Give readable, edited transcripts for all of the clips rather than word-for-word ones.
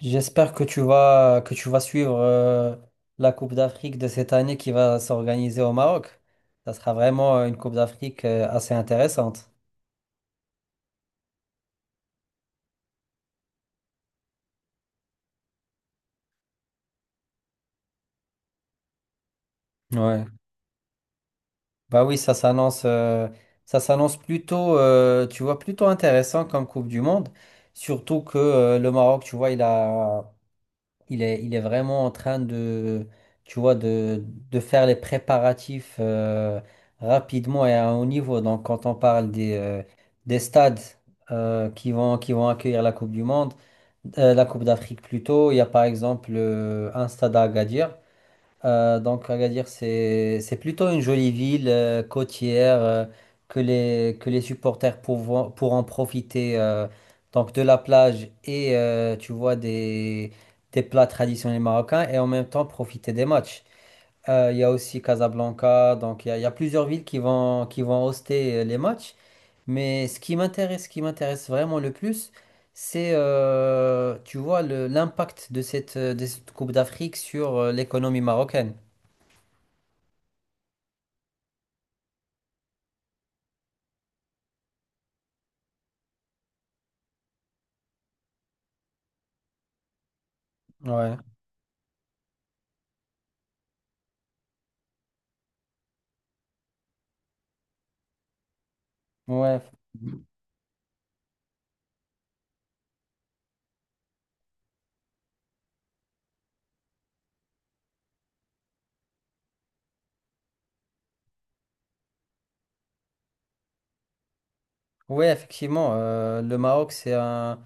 J'espère que tu vas suivre la Coupe d'Afrique de cette année qui va s'organiser au Maroc. Ça sera vraiment une Coupe d'Afrique assez intéressante. Ouais. Bah oui, ça s'annonce plutôt tu vois plutôt intéressant comme Coupe du Monde, surtout que le Maroc, tu vois, il est vraiment en train de, tu vois, de faire les préparatifs rapidement et à un haut niveau. Donc, quand on parle des stades qui vont accueillir la Coupe du Monde, la Coupe d'Afrique plutôt, il y a par exemple un stade à Agadir. Donc Agadir, c'est plutôt une jolie ville côtière que les supporters pourront profiter donc de la plage et tu vois des plats traditionnels marocains et en même temps profiter des matchs. Il y a aussi Casablanca, donc il y a plusieurs villes qui vont hoster les matchs. Mais ce qui m'intéresse vraiment le plus, c'est tu vois l'impact de cette Coupe d'Afrique sur l'économie marocaine. Ouais, ouais, ouais, effectivement, le Maroc, c'est un,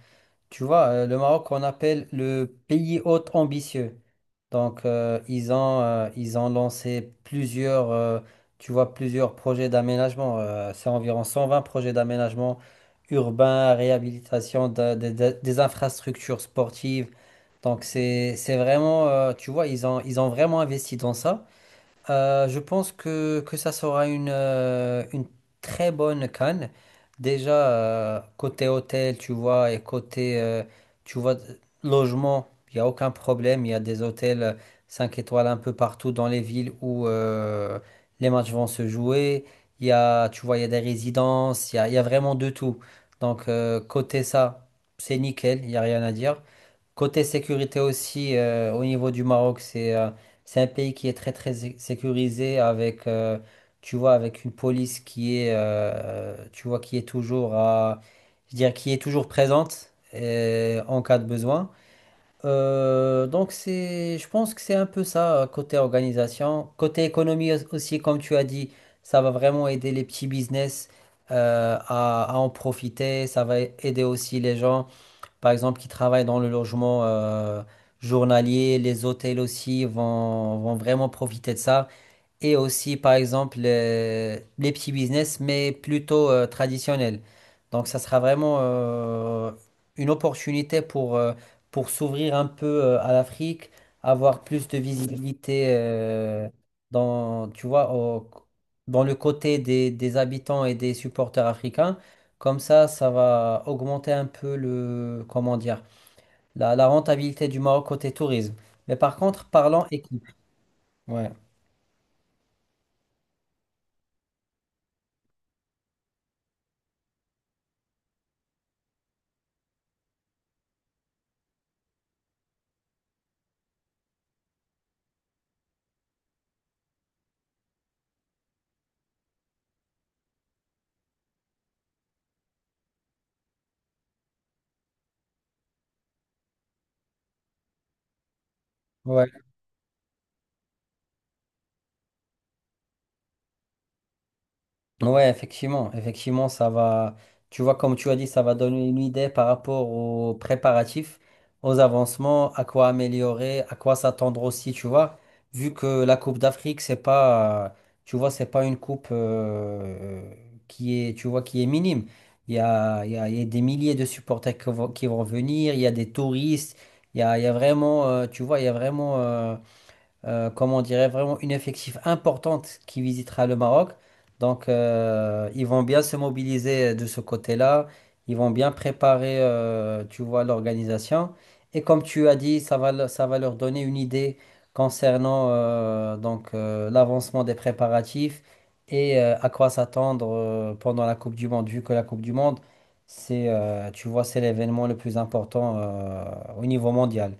tu vois, le Maroc, on appelle le pays hôte ambitieux. Donc, ils ont lancé plusieurs, tu vois, plusieurs projets d'aménagement. C'est environ 120 projets d'aménagement urbain, réhabilitation des infrastructures sportives. Donc, c'est vraiment, tu vois, ils ont vraiment investi dans ça. Je pense que ça sera une très bonne canne. Déjà, côté hôtel, tu vois, et côté, tu vois, logement, il n'y a aucun problème. Il y a des hôtels 5 étoiles un peu partout dans les villes où les matchs vont se jouer. Il y a, tu vois, il y a des résidences, il y a vraiment de tout. Donc, côté ça, c'est nickel, il n'y a rien à dire. Côté sécurité aussi, au niveau du Maroc, c'est un pays qui est très très sécurisé avec, tu vois, avec une police qui est, tu vois, qui est toujours à, je dirais, qui est toujours présente en cas de besoin. Donc c'est, je pense que c'est un peu ça côté organisation, côté économie aussi, comme tu as dit, ça va vraiment aider les petits business à en profiter, ça va aider aussi les gens par exemple, qui travaillent dans le logement journalier. Les hôtels aussi vont vraiment profiter de ça et aussi par exemple les petits business, mais plutôt traditionnels. Donc ça sera vraiment une opportunité pour s'ouvrir un peu à l'Afrique, avoir plus de visibilité dans, tu vois, dans le côté des habitants et des supporters africains. Comme ça va augmenter un peu le, comment dire, la rentabilité du Maroc côté tourisme. Mais par contre, parlant équipe. Ouais. Ouais. Ouais, effectivement, effectivement, ça va, tu vois, comme tu as dit, ça va donner une idée par rapport aux préparatifs, aux avancements, à quoi améliorer, à quoi s'attendre aussi, tu vois, vu que la Coupe d'Afrique, c'est pas, tu vois, c'est pas une coupe qui est, tu vois, qui est minime. Il y a, il y a des milliers de supporters qui vont venir, il y a des touristes, il y a vraiment, tu vois, il y a vraiment comment on dirait, vraiment une effectif importante qui visitera le Maroc. Donc, ils vont bien se mobiliser de ce côté-là. Ils vont bien préparer, tu vois, l'organisation. Et comme tu as dit, ça va, ça va leur donner une idée concernant donc l'avancement des préparatifs et à quoi s'attendre pendant la Coupe du Monde, vu que la Coupe du Monde, c'est, tu vois, c'est l'événement le plus important au niveau mondial.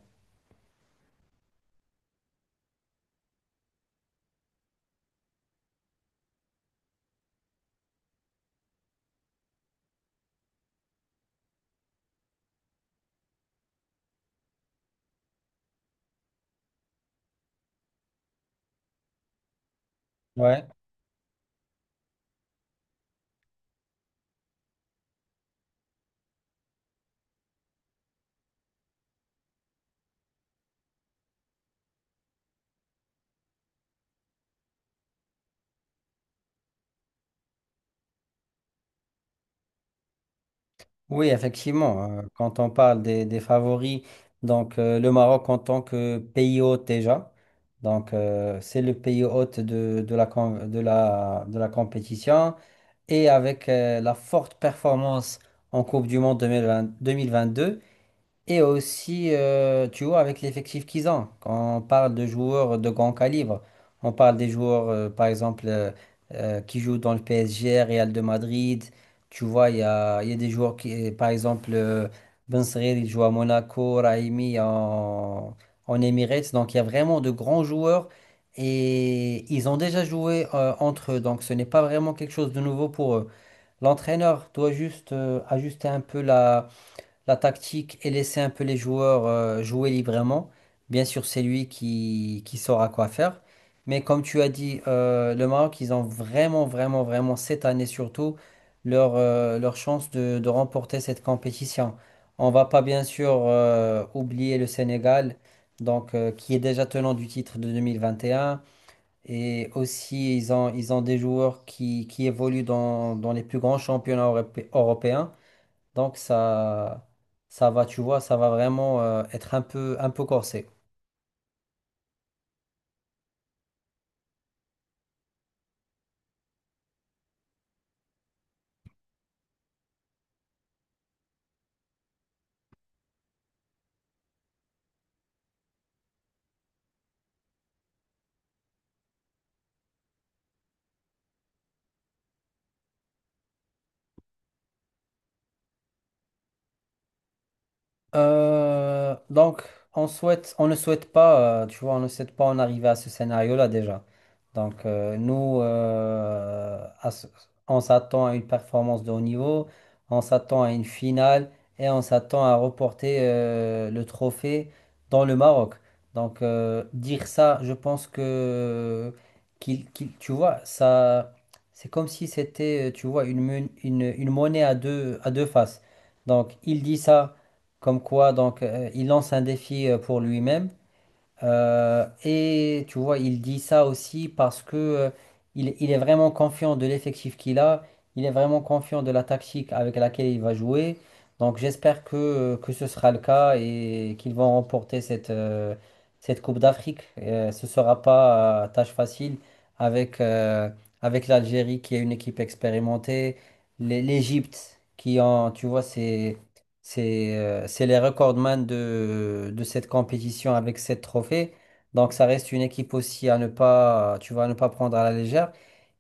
Ouais. Oui, effectivement, quand on parle des favoris, donc le Maroc en tant que pays hôte déjà, donc c'est le pays hôte de la, com- de la compétition et avec la forte performance en Coupe du Monde 2020 2022, et aussi, tu vois, avec l'effectif qu'ils ont, quand on parle de joueurs de grand calibre, on parle des joueurs, par exemple, qui jouent dans le PSG, Real de Madrid, tu vois, il y a des joueurs qui, par exemple, Ben Seghir, il joue à Monaco, Raimi en, en Emirates, donc il y a vraiment de grands joueurs et ils ont déjà joué entre eux, donc ce n'est pas vraiment quelque chose de nouveau pour eux. L'entraîneur doit juste ajuster un peu la la tactique et laisser un peu les joueurs jouer librement. Bien sûr, c'est lui qui saura quoi faire. Mais comme tu as dit, le Maroc, ils ont vraiment, vraiment, vraiment, cette année surtout, leur chance de remporter cette compétition. On va pas bien sûr oublier le Sénégal, donc, qui est déjà tenant du titre de 2021. Et un. Et aussi, ils ont des joueurs qui évoluent dans, dans les plus grands championnats européens. Donc ça va, tu vois, ça va vraiment être un peu corsé. Donc, on souhaite, on ne souhaite pas, tu vois, on ne souhaite pas en arriver à ce scénario-là déjà. Donc, nous, on s'attend à une performance de haut niveau, on s'attend à une finale et on s'attend à reporter le trophée dans le Maroc. Donc, dire ça, je pense que tu vois, ça, c'est comme si c'était, tu vois, une monnaie à deux faces. Donc, il dit ça. Comme quoi, donc, il lance un défi pour lui-même. Et tu vois, il dit ça aussi parce que il est vraiment confiant de l'effectif qu'il a. Il est vraiment confiant de la tactique avec laquelle il va jouer. Donc, j'espère que ce sera le cas et qu'ils vont remporter cette Coupe d'Afrique. Ce ne sera pas tâche facile avec, euh, avec l'Algérie qui est une équipe expérimentée, l'Égypte qui en, tu vois, c'est les recordman de cette compétition avec sept trophées. Donc ça reste une équipe aussi à ne pas, tu vois, à ne pas prendre à la légère.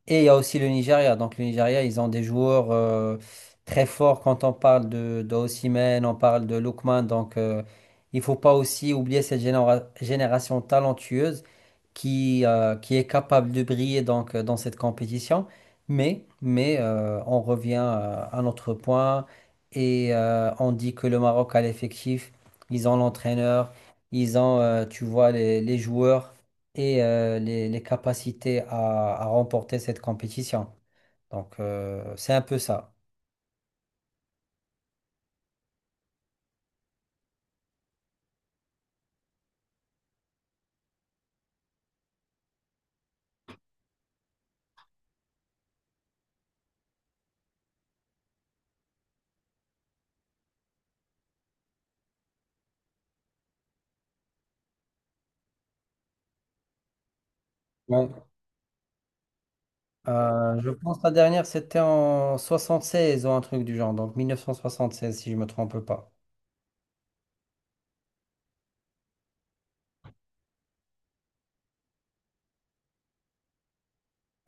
Et il y a aussi le Nigeria. Donc le Nigeria, ils ont des joueurs très forts quand on parle de Osimhen, on parle de Lookman. Donc il faut pas aussi oublier cette génération talentueuse qui est capable de briller donc, dans cette compétition. Mais, on revient à notre point et on dit que le Maroc a l'effectif, ils ont l'entraîneur, ils ont, tu vois, les joueurs et les capacités à remporter cette compétition. Donc, c'est un peu ça. Bon, je pense que la dernière, c'était en 76 ou un truc du genre, donc 1976, si je me trompe pas.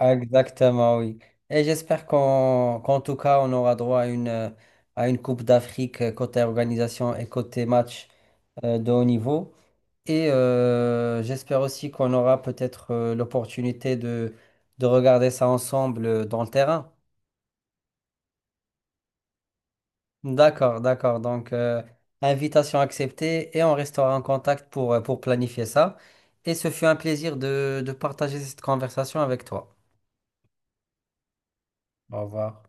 Exactement, oui. Et j'espère qu'en tout cas, on aura droit à une Coupe d'Afrique côté organisation et côté match de haut niveau. Et j'espère aussi qu'on aura peut-être l'opportunité de regarder ça ensemble dans le terrain. D'accord, d'accord. Donc, invitation acceptée et on restera en contact pour planifier ça. Et ce fut un plaisir de partager cette conversation avec toi. Au revoir.